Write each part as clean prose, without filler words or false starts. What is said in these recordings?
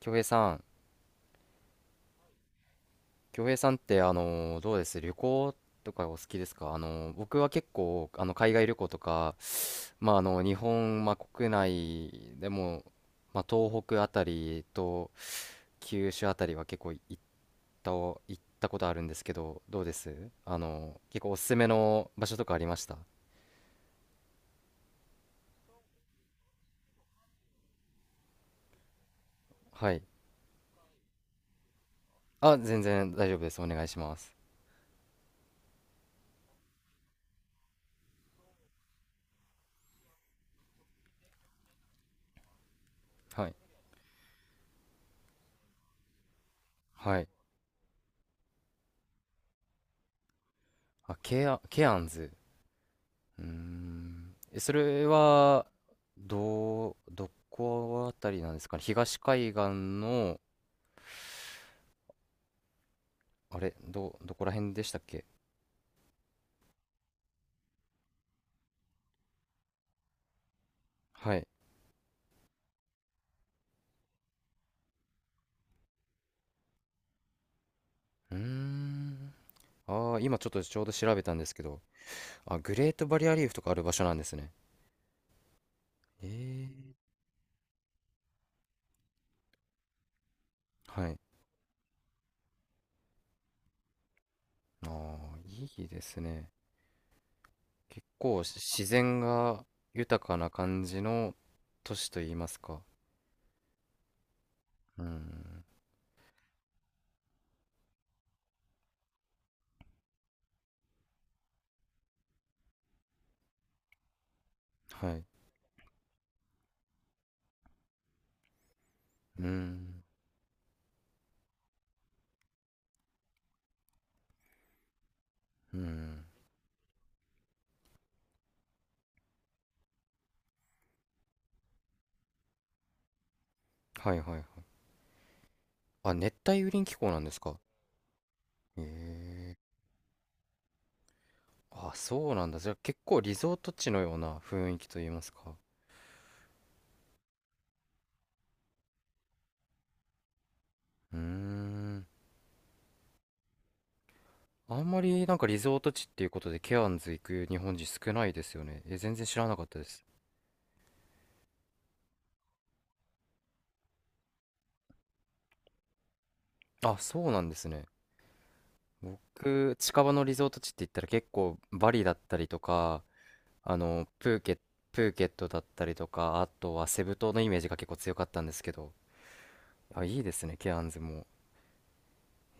京平さん、京平さんってどうです？旅行とかお好きですか？僕は結構海外旅行とか、まあ、日本、まあ、国内でも、まあ、東北あたりと九州あたりは結構た行ったことあるんですけどどうです？結構おすすめの場所とかありました？はい。あ、全然大丈夫です。お願いします。はい、はい。あ、ケアンズ。うーん。それは、どこあたりなんですかね？東海岸の、あれ、どこら辺でしたっけ？はい。うーん。ああ、今ちょっとちょうど調べたんですけど、あ、グレートバリアリーフとかある場所なんですね。ええ。はい。ああ、いいですね。結構自然が豊かな感じの都市といいますか？うん。はい。うん。うん。はい、はい、はい。あ、熱帯雨林気候なんですか？へえ。あ、そうなんだ。じゃあ結構リゾート地のような雰囲気といいますか？うーん。あんまりなんかリゾート地っていうことでケアンズ行く日本人少ないですよね。え、全然知らなかったです。あ、そうなんですね。僕、近場のリゾート地って言ったら結構バリだったりとか、あの、プーケ、プーケットだったりとか、あとはセブ島のイメージが結構強かったんですけど。あ、いいですね、ケアンズも。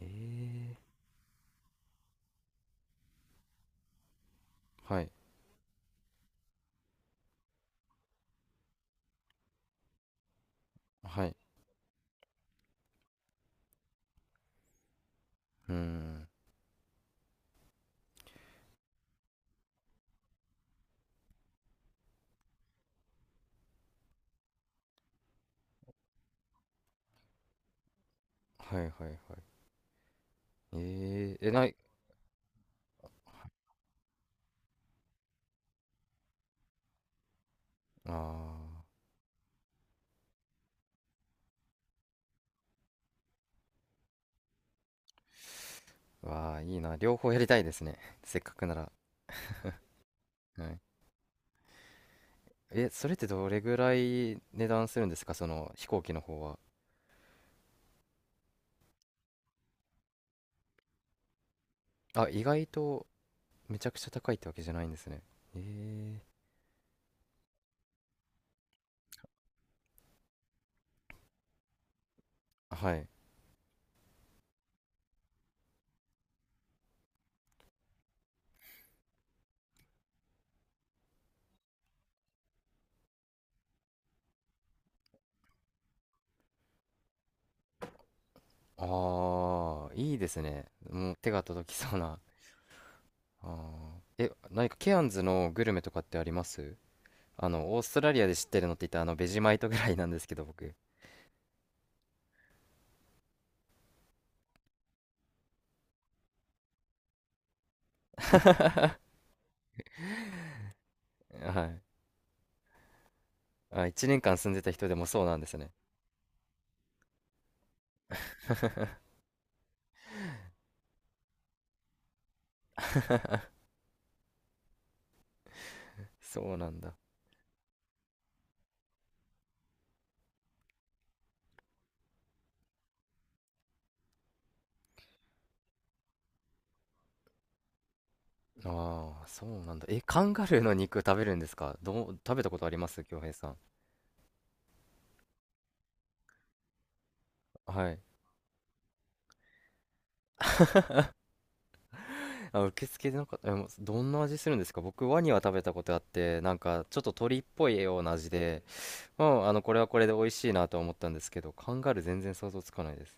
へえ。はい。はい。うーん。はい、はい、はい。え、ない、あー、わあ、いいな。両方やりたいですね。せっかくなら。はい。え、それってどれぐらい値段するんですか？その飛行機の方は？あ、意外とめちゃくちゃ高いってわけじゃないんですね。えはい。ああ、いいですね。もう手が届きそうな。あー、え、何かケアンズのグルメとかってあります？オーストラリアで知ってるのって言ったらベジマイトぐらいなんですけど、僕。はい。あ、1年間住んでた人でもそうなんですね。そうなんだ。ああ、そうなんだ。え、カンガルーの肉食べるんですか？食べたことあります、京平さん？はい。あ、受付でなんか、もうどんな味するんですか？僕、ワニは食べたことあって、なんか、ちょっと鳥っぽいような味で、うん、これはこれで美味しいなと思ったんですけど、カンガルー全然想像つかないです。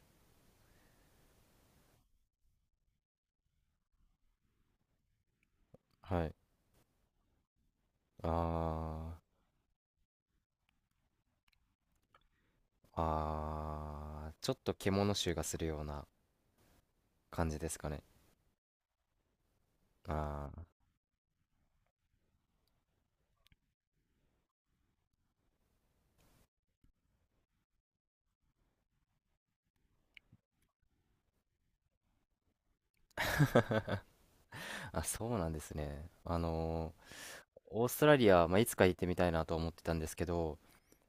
はい。ああ、ああ、ちょっと獣臭がするような感じですかね。ああ。あ、そうなんですね。オーストラリア、まあ、いつか行ってみたいなと思ってたんですけど、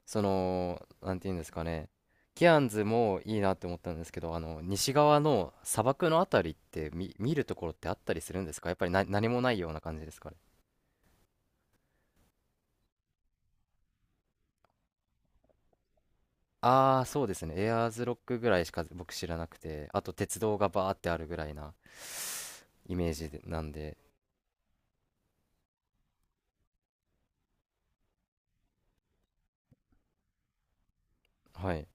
その、なんていうんですかね、ケアンズもいいなって思ったんですけど、西側の砂漠のあたりって見るところってあったりするんですか？やっぱりな何もないような感じですかね？ああ、そうですね。エアーズロックぐらいしか僕知らなくて、あと鉄道がバーってあるぐらいなイメージでなんで、はい。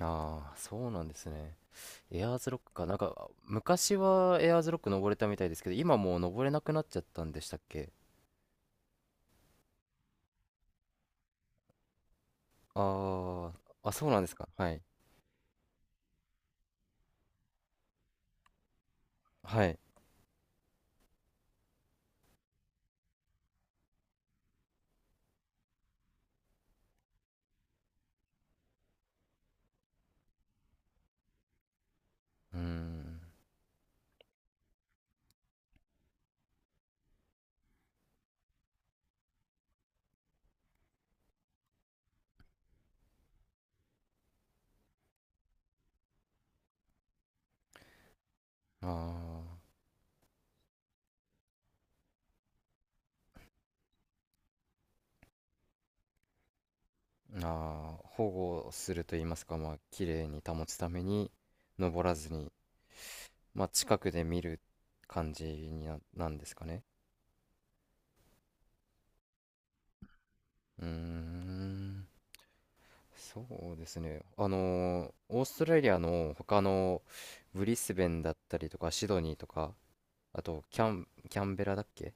ああ、そうなんですね。エアーズロックか、なんか昔はエアーズロック登れたみたいですけど、今もう登れなくなっちゃったんでしたっけ？ああ、あ、そうなんですか。はい。はい。うーん。あーあー、保護すると言いますか、まあ、綺麗に保つために登らずに、まあ、近くで見る感じになんですかね？うーん。そうですね。オーストラリアの他のブリスベンだったりとかシドニーとか、あと、キャンベラだっけ、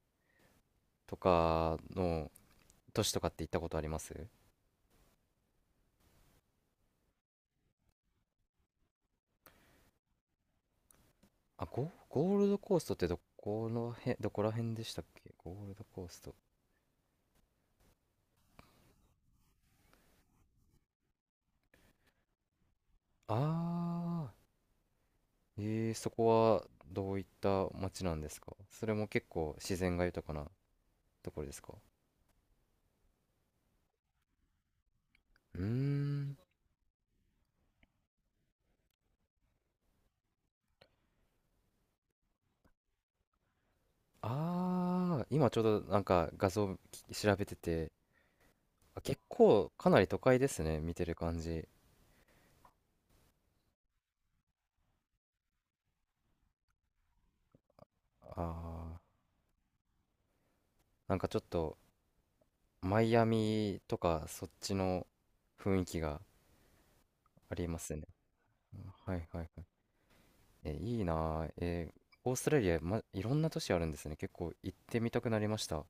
とかの都市とかって行ったことあります？あ、ゴールドコーストってどこの辺、どこら辺でしたっけ、ゴールドコースト？ああ、そこはどういった街なんですか？それも結構自然が豊かなところですか？うーん。ああ、今ちょうどなんか画像調べてて、あ、結構かなり都会ですね、見てる感じ。ああ、なんかちょっとマイアミとかそっちの雰囲気がありますね。うん、はい、はい、はい。え、いいなあ、オーストラリア、ま、いろんな都市あるんですね。結構行ってみたくなりました。